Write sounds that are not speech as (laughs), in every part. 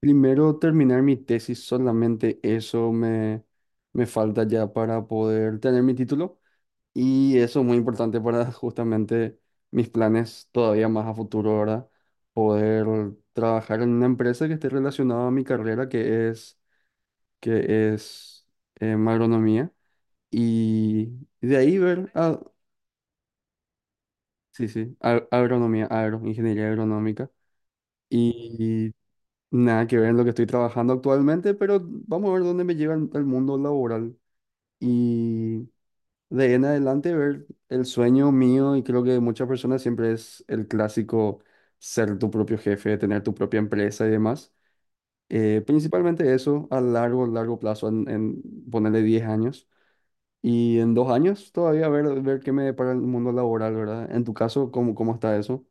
Primero terminar mi tesis, solamente eso me falta ya para poder tener mi título y eso es muy importante para (laughs) justamente mis planes todavía más a futuro, ¿verdad? Poder trabajar en una empresa que esté relacionada a mi carrera, que es agronomía y de ahí ver, sí, sí, agronomía, ingeniería agronómica. Mm. Nada que ver en lo que estoy trabajando actualmente, pero vamos a ver dónde me lleva el mundo laboral. Y de ahí en adelante, ver el sueño mío y creo que de muchas personas siempre es el clásico ser tu propio jefe, tener tu propia empresa y demás. Principalmente eso a largo, largo plazo, en ponerle 10 años. Y en 2 años todavía ver qué me depara el mundo laboral, ¿verdad? En tu caso, ¿cómo está eso?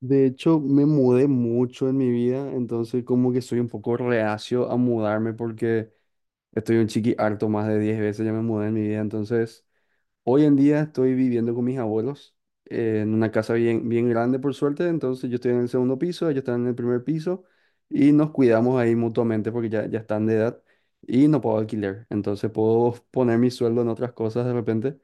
De hecho, me mudé mucho en mi vida, entonces como que soy un poco reacio a mudarme porque estoy un chiqui harto, más de 10 veces ya me mudé en mi vida, entonces… Hoy en día estoy viviendo con mis abuelos, en una casa bien, bien grande, por suerte. Entonces yo estoy en el segundo piso, ellos están en el primer piso y nos cuidamos ahí mutuamente porque ya, ya están de edad y no puedo alquiler. Entonces puedo poner mi sueldo en otras cosas de repente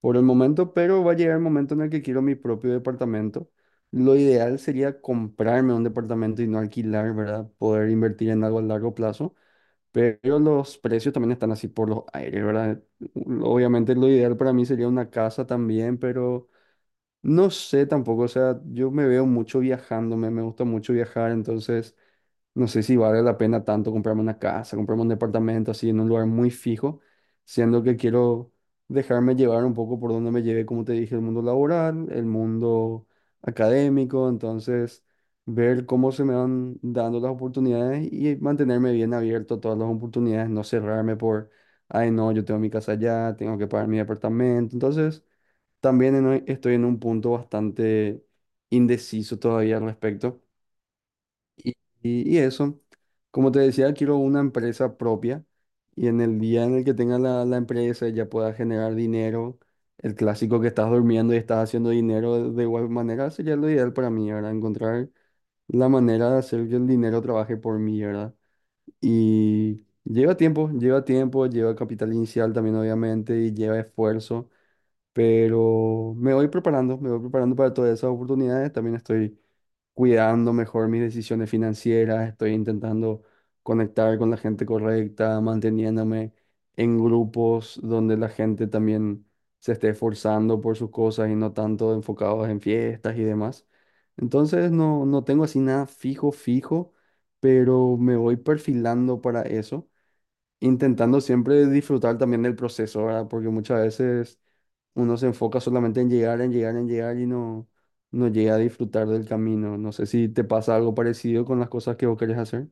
por el momento, pero va a llegar el momento en el que quiero mi propio departamento. Lo ideal sería comprarme un departamento y no alquilar, ¿verdad? Poder invertir en algo a largo plazo. Pero los precios también están así por los aires, ¿verdad? Obviamente lo ideal para mí sería una casa también, pero no sé tampoco, o sea, yo me veo mucho viajando, me gusta mucho viajar, entonces no sé si vale la pena tanto comprarme una casa, comprarme un departamento así en un lugar muy fijo, siendo que quiero dejarme llevar un poco por donde me lleve, como te dije, el mundo laboral, el mundo académico, entonces ver cómo se me van dando las oportunidades y mantenerme bien abierto a todas las oportunidades, no cerrarme por, ay no, yo tengo mi casa allá, tengo que pagar mi departamento, entonces también estoy en un punto bastante indeciso todavía al respecto. Y, y eso, como te decía, quiero una empresa propia y en el día en el que tenga la empresa ya pueda generar dinero, el clásico que estás durmiendo y estás haciendo dinero de igual manera sería lo ideal para mí, ¿verdad? Encontrar la manera de hacer que el dinero trabaje por mí, ¿verdad? Y lleva tiempo, lleva tiempo, lleva capital inicial también obviamente y lleva esfuerzo, pero me voy preparando para todas esas oportunidades, también estoy cuidando mejor mis decisiones financieras, estoy intentando conectar con la gente correcta, manteniéndome en grupos donde la gente también se esté esforzando por sus cosas y no tanto enfocados en fiestas y demás. Entonces no, no tengo así nada fijo, fijo, pero me voy perfilando para eso, intentando siempre disfrutar también del proceso, ¿verdad? Porque muchas veces uno se enfoca solamente en llegar, en llegar, en llegar y no, no llega a disfrutar del camino. No sé si te pasa algo parecido con las cosas que vos querés hacer.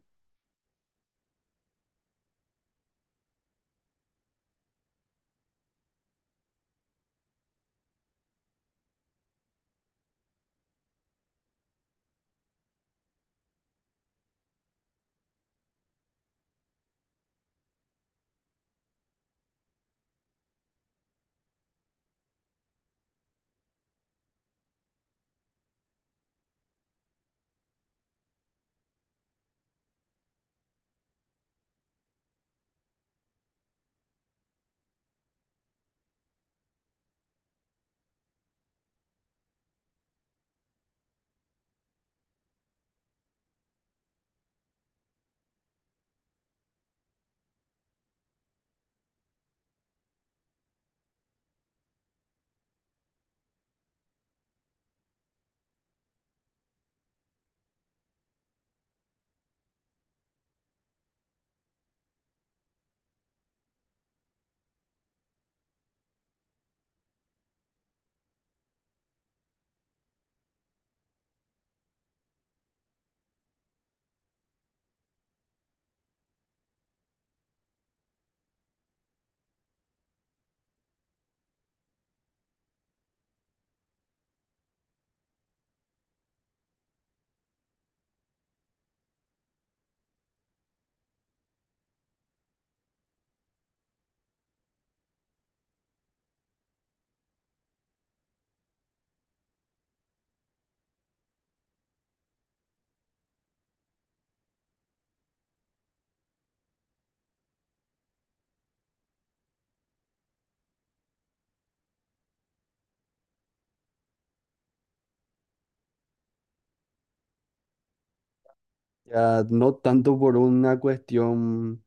Ya no tanto por una cuestión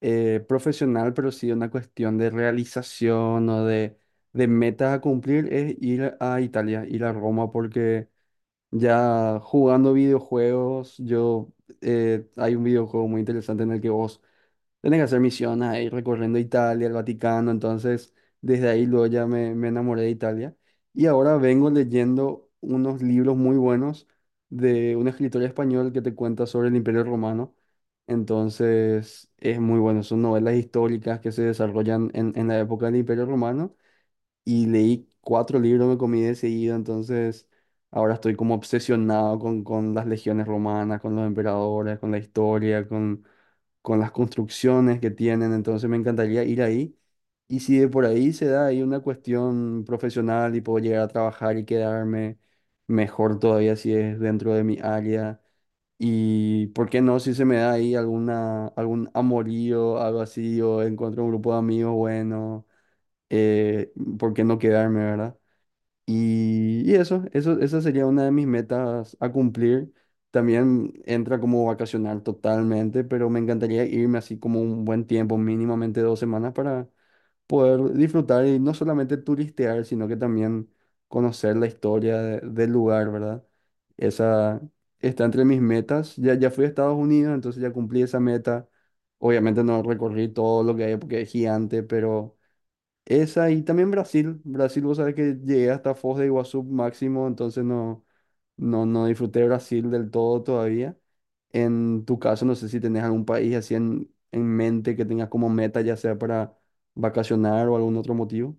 profesional, pero sí una cuestión de realización o de metas a cumplir, es ir a Italia, ir a Roma, porque ya jugando videojuegos, yo hay un videojuego muy interesante en el que vos tenés que hacer misiones ahí recorriendo Italia, el Vaticano, entonces desde ahí luego ya me enamoré de Italia. Y ahora vengo leyendo unos libros muy buenos de un escritor español que te cuenta sobre el Imperio Romano. Entonces es muy bueno, son novelas históricas que se desarrollan en la época del Imperio Romano y leí 4 libros que comí de seguido, entonces ahora estoy como obsesionado con las legiones romanas, con los emperadores, con la historia, con las construcciones que tienen, entonces me encantaría ir ahí. Y si de por ahí se da ahí una cuestión profesional y puedo llegar a trabajar y quedarme, mejor todavía si es dentro de mi área. Y por qué no, si se me da ahí alguna, algún amorío, algo así, o encuentro un grupo de amigos bueno, eh, ¿por qué no quedarme, verdad? Esa sería una de mis metas a cumplir. También entra como vacacionar totalmente, pero me encantaría irme así como un buen tiempo, mínimamente 2 semanas, para poder disfrutar y no solamente turistear, sino que también conocer la historia del lugar, ¿verdad? Esa está entre mis metas. Ya, ya fui a Estados Unidos, entonces ya cumplí esa meta. Obviamente no recorrí todo lo que hay porque es gigante, pero… Esa y también Brasil. Brasil, vos sabés que llegué hasta Foz de Iguazú máximo, entonces no, no, no disfruté Brasil del todo todavía. En tu caso, no sé si tenés algún país así en mente que tengas como meta, ya sea para vacacionar o algún otro motivo.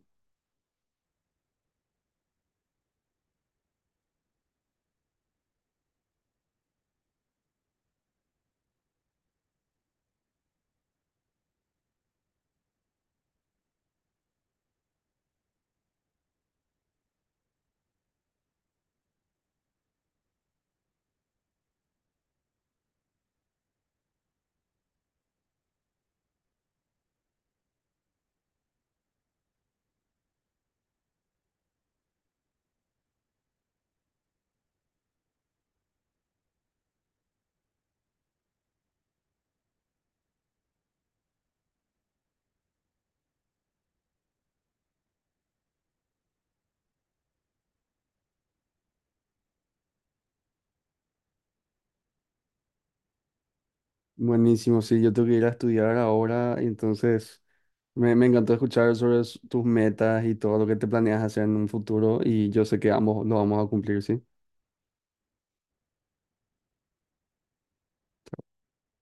Buenísimo, sí, yo tengo que ir a estudiar ahora, y entonces me encantó escuchar sobre tus metas y todo lo que te planeas hacer en un futuro y yo sé que ambos lo vamos a cumplir, ¿sí?